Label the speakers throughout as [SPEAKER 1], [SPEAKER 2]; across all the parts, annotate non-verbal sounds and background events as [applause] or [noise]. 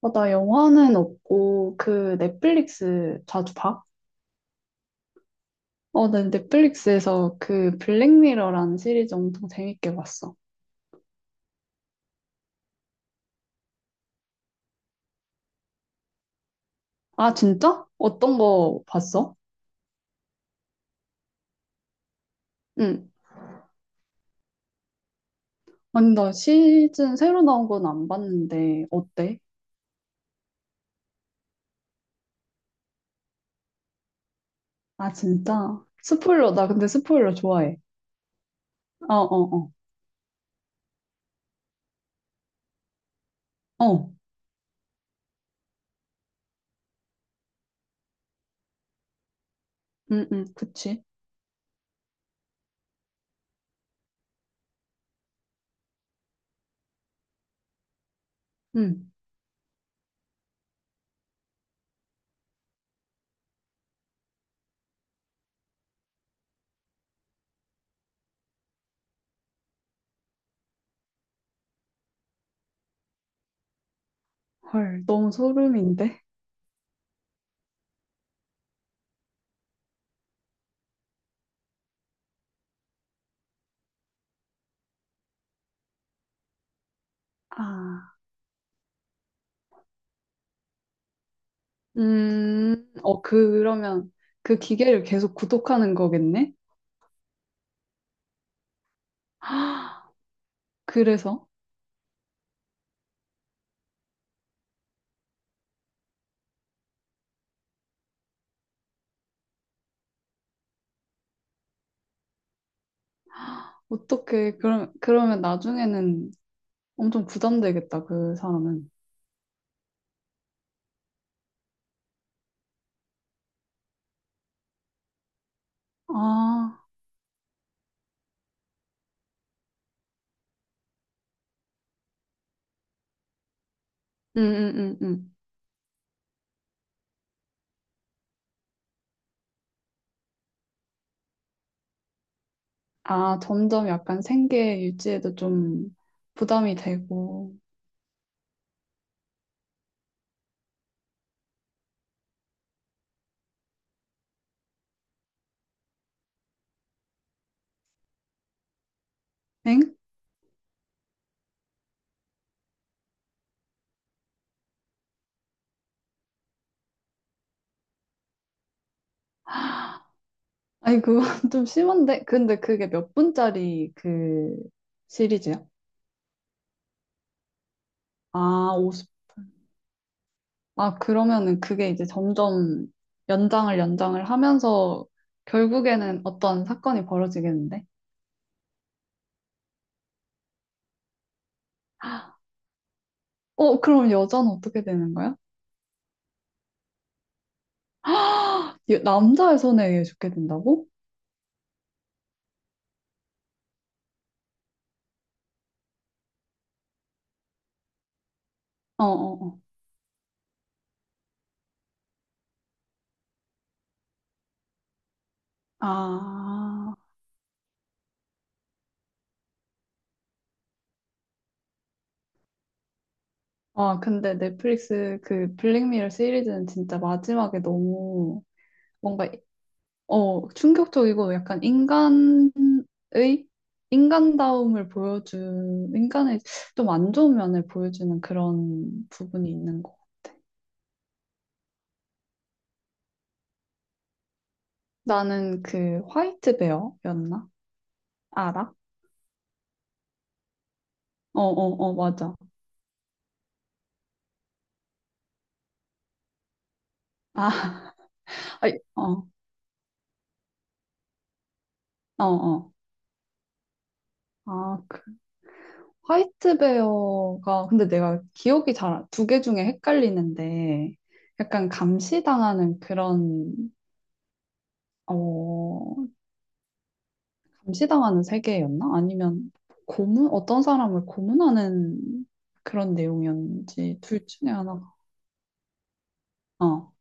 [SPEAKER 1] 어, 나 영화는 없고 그 넷플릭스 자주 봐? 어, 난 넷플릭스에서 그 블랙미러라는 시리즈 엄청 재밌게 봤어. 아, 진짜? 어떤 거 봤어? 응. 아니, 나 시즌 새로 나온 건 안 봤는데 어때? 아, 진짜? 스포일러, 나 근데 스포일러 좋아해. 어, 어, 어. 어. 응, 응, 그치. 응. 헐, 너무 소름인데? 아. 어, 그, 그러면 그 기계를 계속 구독하는 거겠네? 그래서 어떻게 그럼 그러면 나중에는 엄청 부담되겠다 그 사람은. 아, 응응응응. 아 점점 약간 생계 유지에도 좀 부담이 되고. 엥? 아니 그건 [laughs] 좀 심한데. 근데 그게 몇 분짜리 그 시리즈야? 아 50. 아 그러면은 그게 이제 점점 연장을 하면서 결국에는 어떤 사건이 벌어지겠는데? 어 그럼 여자는 어떻게 되는 거야? [gasps] 남자의 손에 의해 죽게 된다고? 어, 어, 어. 아, 아, 근데 넷플릭스 그 블랙미러 시리즈는 진짜 마지막에 너무 뭔가, 어, 충격적이고 약간 인간의, 인간다움을 보여준, 인간의 좀 안 좋은 면을 보여주는 그런 부분이 있는 거. 나는 그 화이트 베어였나? 알아? 어, 어, 어, 맞아. 아, [laughs] 아이, 어, 어, 어. 아, 그 화이트베어가 근데 내가 기억이 잘 두 개 중에 헷갈리는데 약간 감시당하는 그런 어 감시당하는 세계였나? 아니면 고문 어떤 사람을 고문하는 그런 내용이었는지 둘 중에 하나가 어.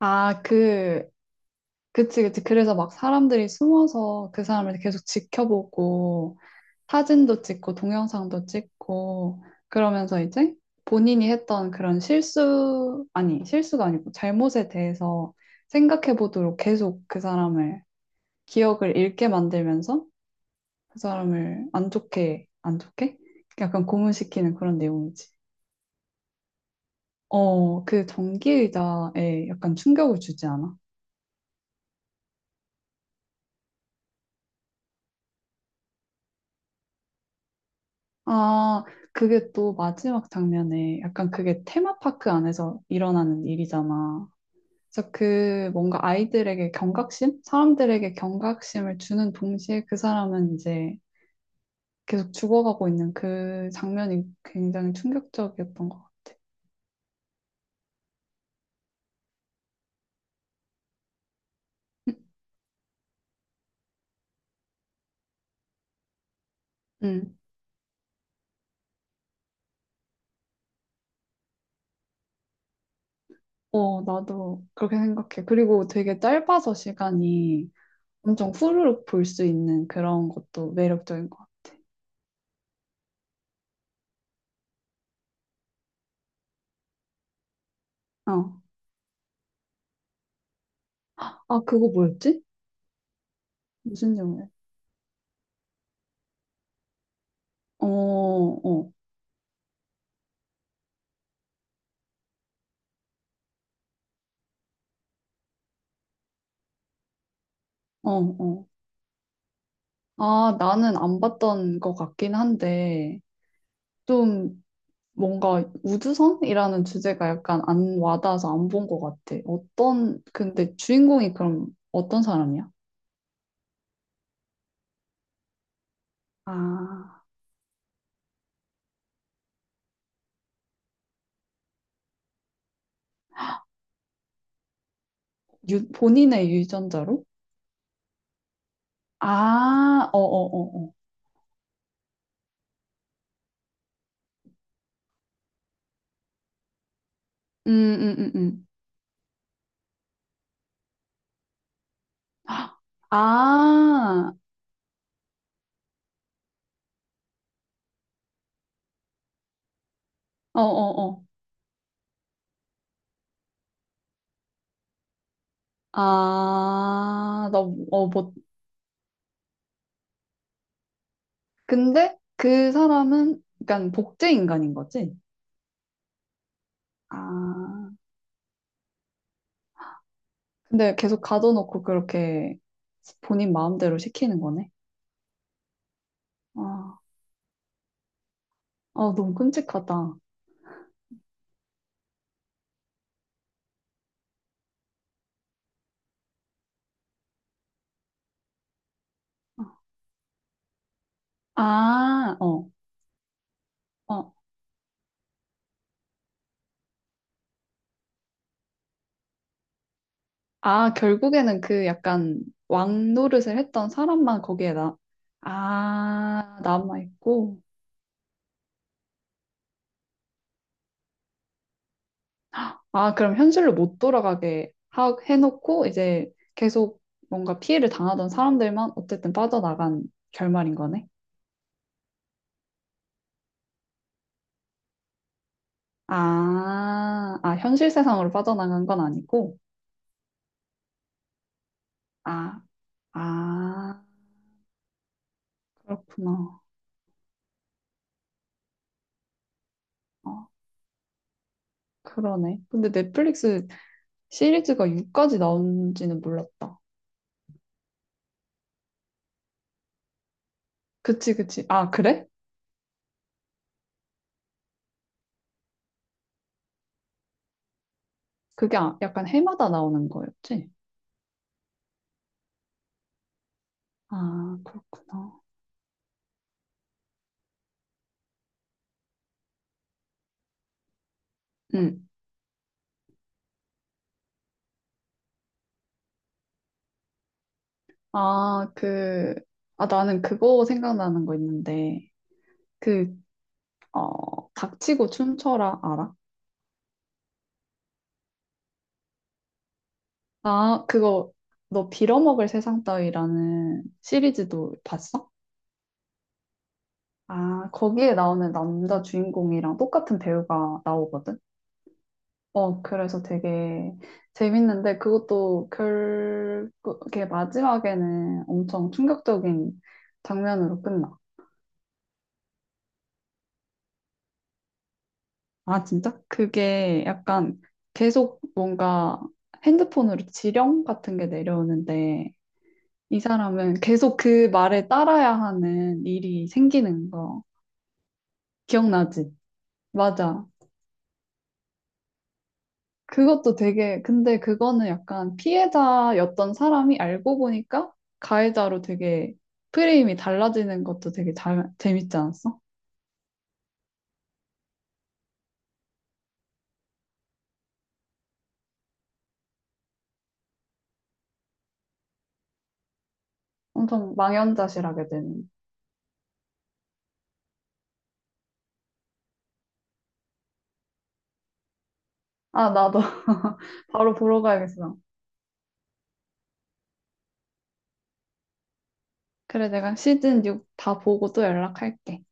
[SPEAKER 1] 아, 그 그치 그치 그래서 막 사람들이 숨어서 그 사람을 계속 지켜보고 사진도 찍고 동영상도 찍고 그러면서 이제 본인이 했던 그런 실수, 아니, 실수가 아니고 잘못에 대해서 생각해 보도록 계속 그 사람을 기억을 잃게 만들면서 그 사람을 안 좋게, 안 좋게? 약간 고문시키는 그런 내용이지. 어, 그 전기의자에 약간 충격을 주지 않아? 아, 그게 또 마지막 장면에 약간 그게 테마파크 안에서 일어나는 일이잖아. 그래서 그 뭔가 아이들에게 경각심? 사람들에게 경각심을 주는 동시에 그 사람은 이제 계속 죽어가고 있는 그 장면이 굉장히 충격적이었던 것 같아. 응. 어, 나도 그렇게 생각해. 그리고 되게 짧아서 시간이 엄청 후루룩 볼 수 있는 그런 것도 매력적인 것 같아. 어. 아, 그거 뭐였지? 무슨 영화? 어, 어, 어, 어. 아, 나는 안 봤던 것 같긴 한데, 좀 뭔가 우주선이라는 주제가 약간 안 와닿아서 안 본 것 같아. 어떤, 근데 주인공이 그럼 어떤 사람이야? 아, 본인의 유전자로? 아, 어어어어. 음, 음, 음, 음. 아, 어어어. 아, 나, 어, 뭐, 근데 그 사람은 약간 복제 인간인 거지? 아, 근데 계속 가둬놓고 그렇게 본인 마음대로 시키는 거네? 아, 아, 너무 끔찍하다. 아, 어, 어. 아, 결국에는 그 약간 왕 노릇을 했던 사람만 거기에 나, 아, 남아있고. 아, 그럼 현실로 못 돌아가게 해놓고 이제 계속 뭔가 피해를 당하던 사람들만 어쨌든 빠져나간 결말인 거네. 아, 아, 현실 세상으로 빠져나간 건 아니고. 아, 아, 그렇구나. 어, 그러네. 근데 넷플릭스 시리즈가 6까지 나온지는 몰랐다. 그치, 그치. 아, 그래? 그게 약간 해마다 나오는 거였지? 아, 그렇구나. 응. 아, 그, 아, 나는 그거 생각나는 거 있는데, 그, 어, 닥치고 춤춰라, 알아? 아, 그거, 너 빌어먹을 세상 따위라는 시리즈도 봤어? 아, 거기에 나오는 남자 주인공이랑 똑같은 배우가 나오거든? 어, 그래서 되게 재밌는데 그것도 결국에 마지막에는 엄청 충격적인 장면으로 끝나. 아, 진짜? 그게 약간 계속 뭔가 핸드폰으로 지령 같은 게 내려오는데 이 사람은 계속 그 말에 따라야 하는 일이 생기는 거. 기억나지? 맞아. 그것도 되게, 근데 그거는 약간 피해자였던 사람이 알고 보니까 가해자로 되게 프레임이 달라지는 것도 되게 잘, 재밌지 않았어? 엄청 망연자실하게 되는. 아, 나도 [laughs] 바로 보러 가야겠어. 그래, 내가 시즌 6 다 보고 또 연락할게.